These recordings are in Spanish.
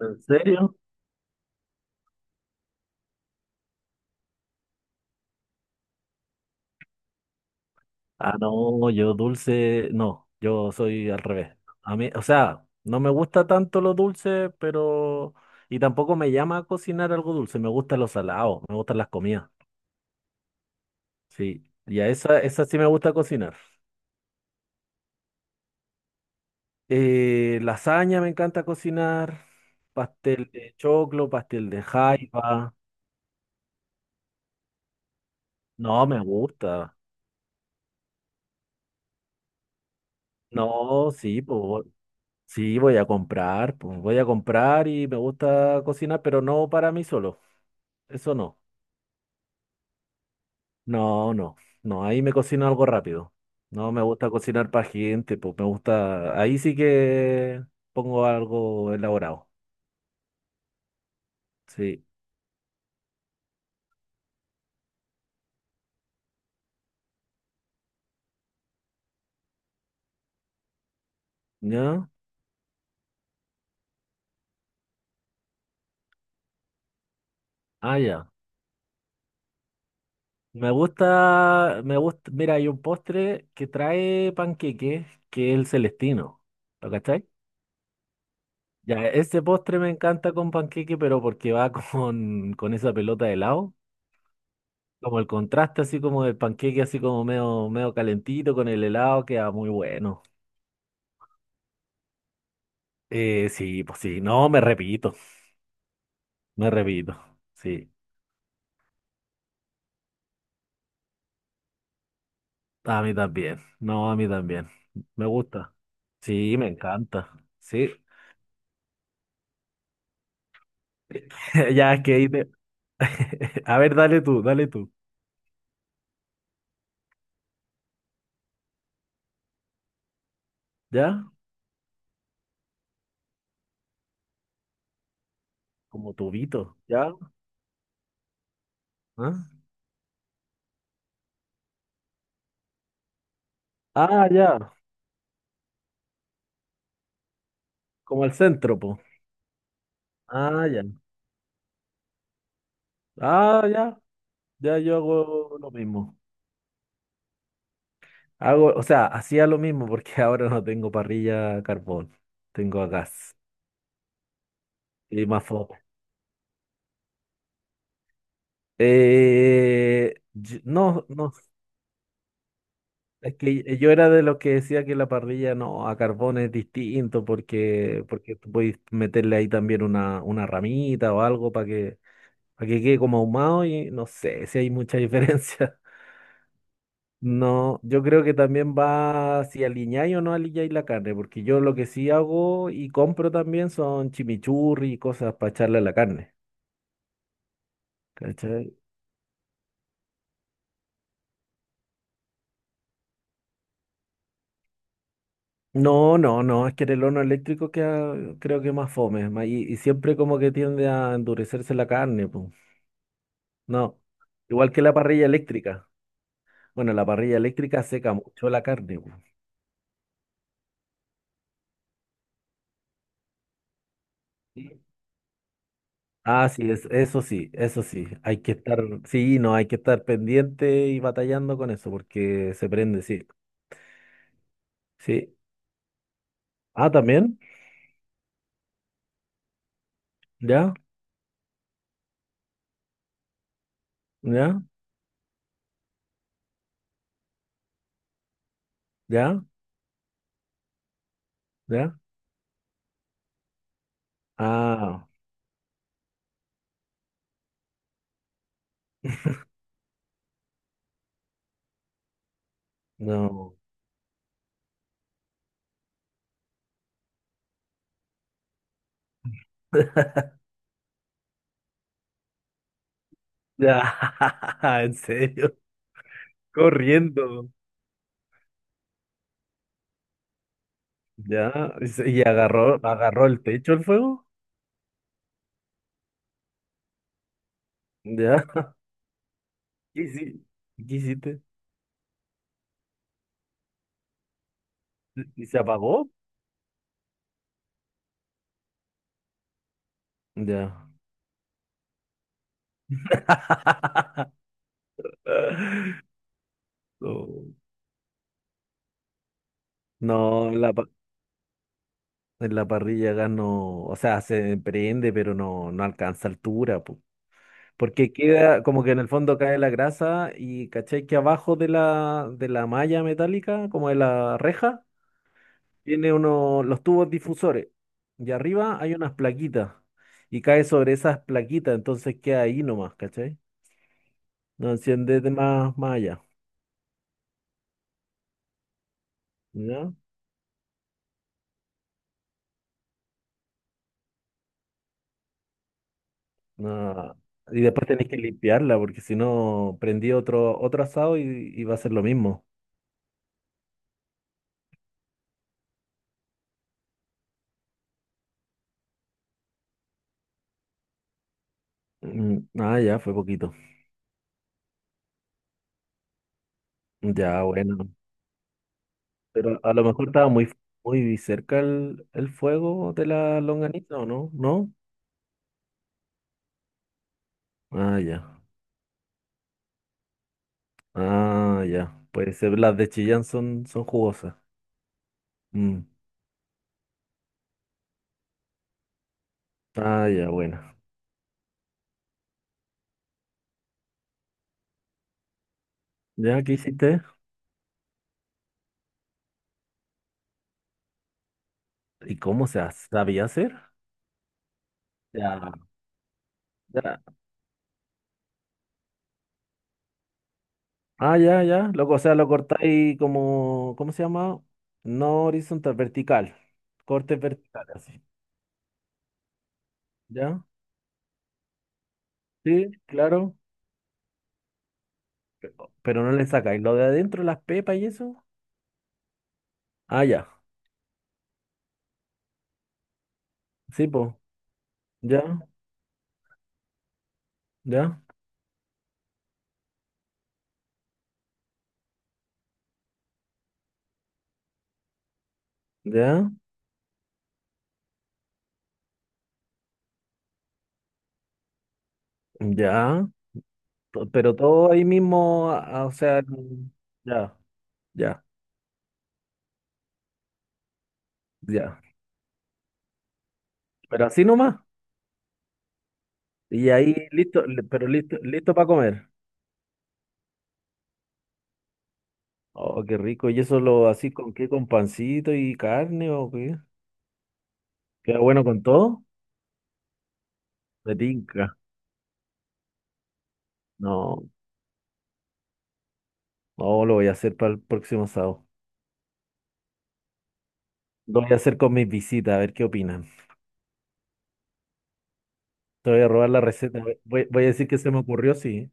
¿En serio? Ah, no, yo dulce, no, yo soy al revés. A mí, o sea, no me gusta tanto lo dulce, pero... Y tampoco me llama a cocinar algo dulce, me gustan los salados, me gustan las comidas. Sí, y a esa, esa sí me gusta cocinar. Lasaña me encanta cocinar, pastel de choclo, pastel de jaiba. No, me gusta. No, sí, pues vo- sí, voy a comprar, pues voy a comprar y me gusta cocinar, pero no para mí solo. Eso no, no, no, no, ahí me cocino algo rápido. No me gusta cocinar para gente, pues me gusta, ahí sí que pongo algo elaborado. Sí, ¿ya? Ah, ya. Me gusta, mira, hay un postre que trae panqueque, que es el celestino. ¿Lo cachai? Ya, ese postre me encanta con panqueque, pero porque va con esa pelota de helado. Como el contraste así como del panqueque, así como medio, medio calentito con el helado, queda muy bueno. Sí, pues sí, no, me repito, sí, a mí también, no, a mí también, me gusta, sí, me encanta, sí, ya es que a ver, dale tú, ¿ya? Como tubito, ¿ya? ¿Ah? Ah, ya, como el centro, pues, ah, ya, ah, ya, ya yo hago lo mismo, hago, o sea, hacía lo mismo porque ahora no tengo parrilla a carbón, tengo a gas, y más no, no, es que yo era de los que decía que la parrilla no, a carbón es distinto porque, porque tú puedes meterle ahí también una ramita o algo para que quede como ahumado y no sé si hay mucha diferencia. No, yo creo que también va si aliñáis o no aliñáis la carne, porque yo lo que sí hago y compro también son chimichurri y cosas para echarle a la carne. ¿Cachai? No, no, no, es que en el horno eléctrico queda, creo que más fome, y siempre como que tiende a endurecerse la carne, pues. No, igual que la parrilla eléctrica. Bueno, la parrilla eléctrica seca mucho la carne, po. Sí. Ah, sí, eso sí, eso sí, hay que estar, sí, no, hay que estar pendiente y batallando con eso porque se prende, sí, sí. Ah, también, ya, ya, ya, ya. Ah, no, ya, en serio, corriendo. Ya, y y agarró, agarró el techo el fuego. Ya. ¿Qué qué hiciste? ¿Y se apagó? Ya. No, no, en la, en la parrilla gas no, o sea, se prende, pero no, no alcanza altura, po. Porque queda como que en el fondo cae la grasa y caché que abajo de la malla metálica, como de la reja, tiene uno, los tubos difusores y arriba hay unas plaquitas y cae sobre esas plaquitas, entonces queda ahí nomás, ¿cachai? No enciende de más, más allá, ¿ya? No. Y después tenés que limpiarla porque si no prendí otro, otro asado y va a ser lo mismo. Mm, ah, ya, fue poquito. Ya, bueno. Pero a lo mejor estaba muy, muy cerca el fuego de la longaniza, ¿o no? ¿No? Ah, ya. Ah, ya. Puede ser, las de Chillán son, son jugosas. Mm. Ah, ya, bueno. ¿Ya qué hiciste? ¿Y cómo sabía hacer? Ya, ya. Ah, ya, ya. Luego, o sea, lo cortáis como, ¿cómo se llama? No horizontal, vertical. Cortes verticales, así. ¿Ya? Sí, claro. Pero no le sacáis lo de adentro, las pepas y eso. Ah, ya. Sí, pues. Ya, ya, ya, ya. Pero todo ahí mismo, o sea, ya, ya, ya. Pero así nomás. Y ahí listo, pero listo, listo para comer. Oh, qué rico. ¿Y eso lo así con qué? ¿Con pancito y carne o qué? ¿Queda bueno con todo? Me tinca. No, no lo voy a hacer para el próximo sábado. Lo voy a hacer con mis visitas, a ver qué opinan. Te voy a robar la receta. Voy, voy a decir que se me ocurrió, sí.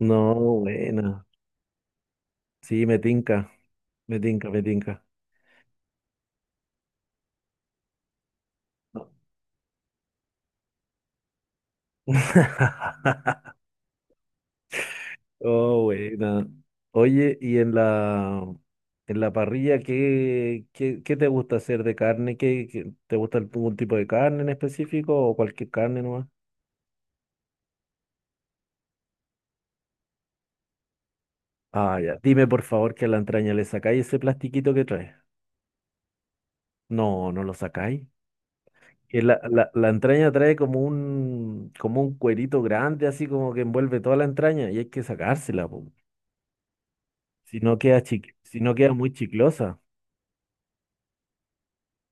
No, buena. Sí, me tinca. Me tinca, me tinca. Oh, buena. Oye, y en la parrilla, ¿qué, qué, qué te gusta hacer de carne? ¿Qué, te gusta algún tipo de carne en específico o cualquier carne nomás? Ah, ya. Dime por favor que a la entraña le sacáis ese plastiquito que trae. No, no lo sacáis. Que la entraña trae como un cuerito grande, así como que envuelve toda la entraña, y hay que sacársela, po. Si no queda si no queda muy chiclosa.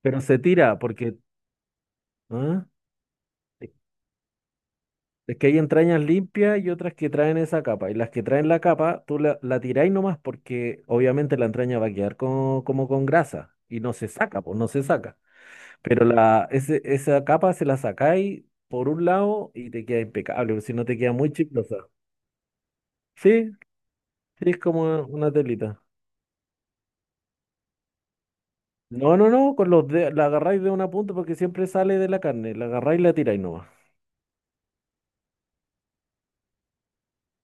Pero se tira porque ¿ah? Es que hay entrañas limpias y otras que traen esa capa. Y las que traen la capa, tú la, la tiráis nomás porque obviamente la entraña va a quedar como con grasa y no se saca, pues no se saca. Pero la, esa capa se la sacáis por un lado y te queda impecable, porque si no te queda muy chiclosa. Sí, sí, es como una telita. No, no, no, con los de, la agarráis de una punta porque siempre sale de la carne. La agarráis y la tiráis nomás.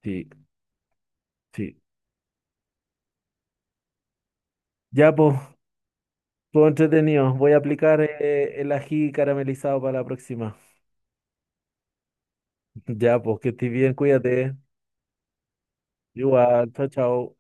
Sí, sí. Ya, pues, todo entretenido. Voy a aplicar el ají caramelizado para la próxima. Ya, pues que estés bien, cuídate. Igual, chao, chao.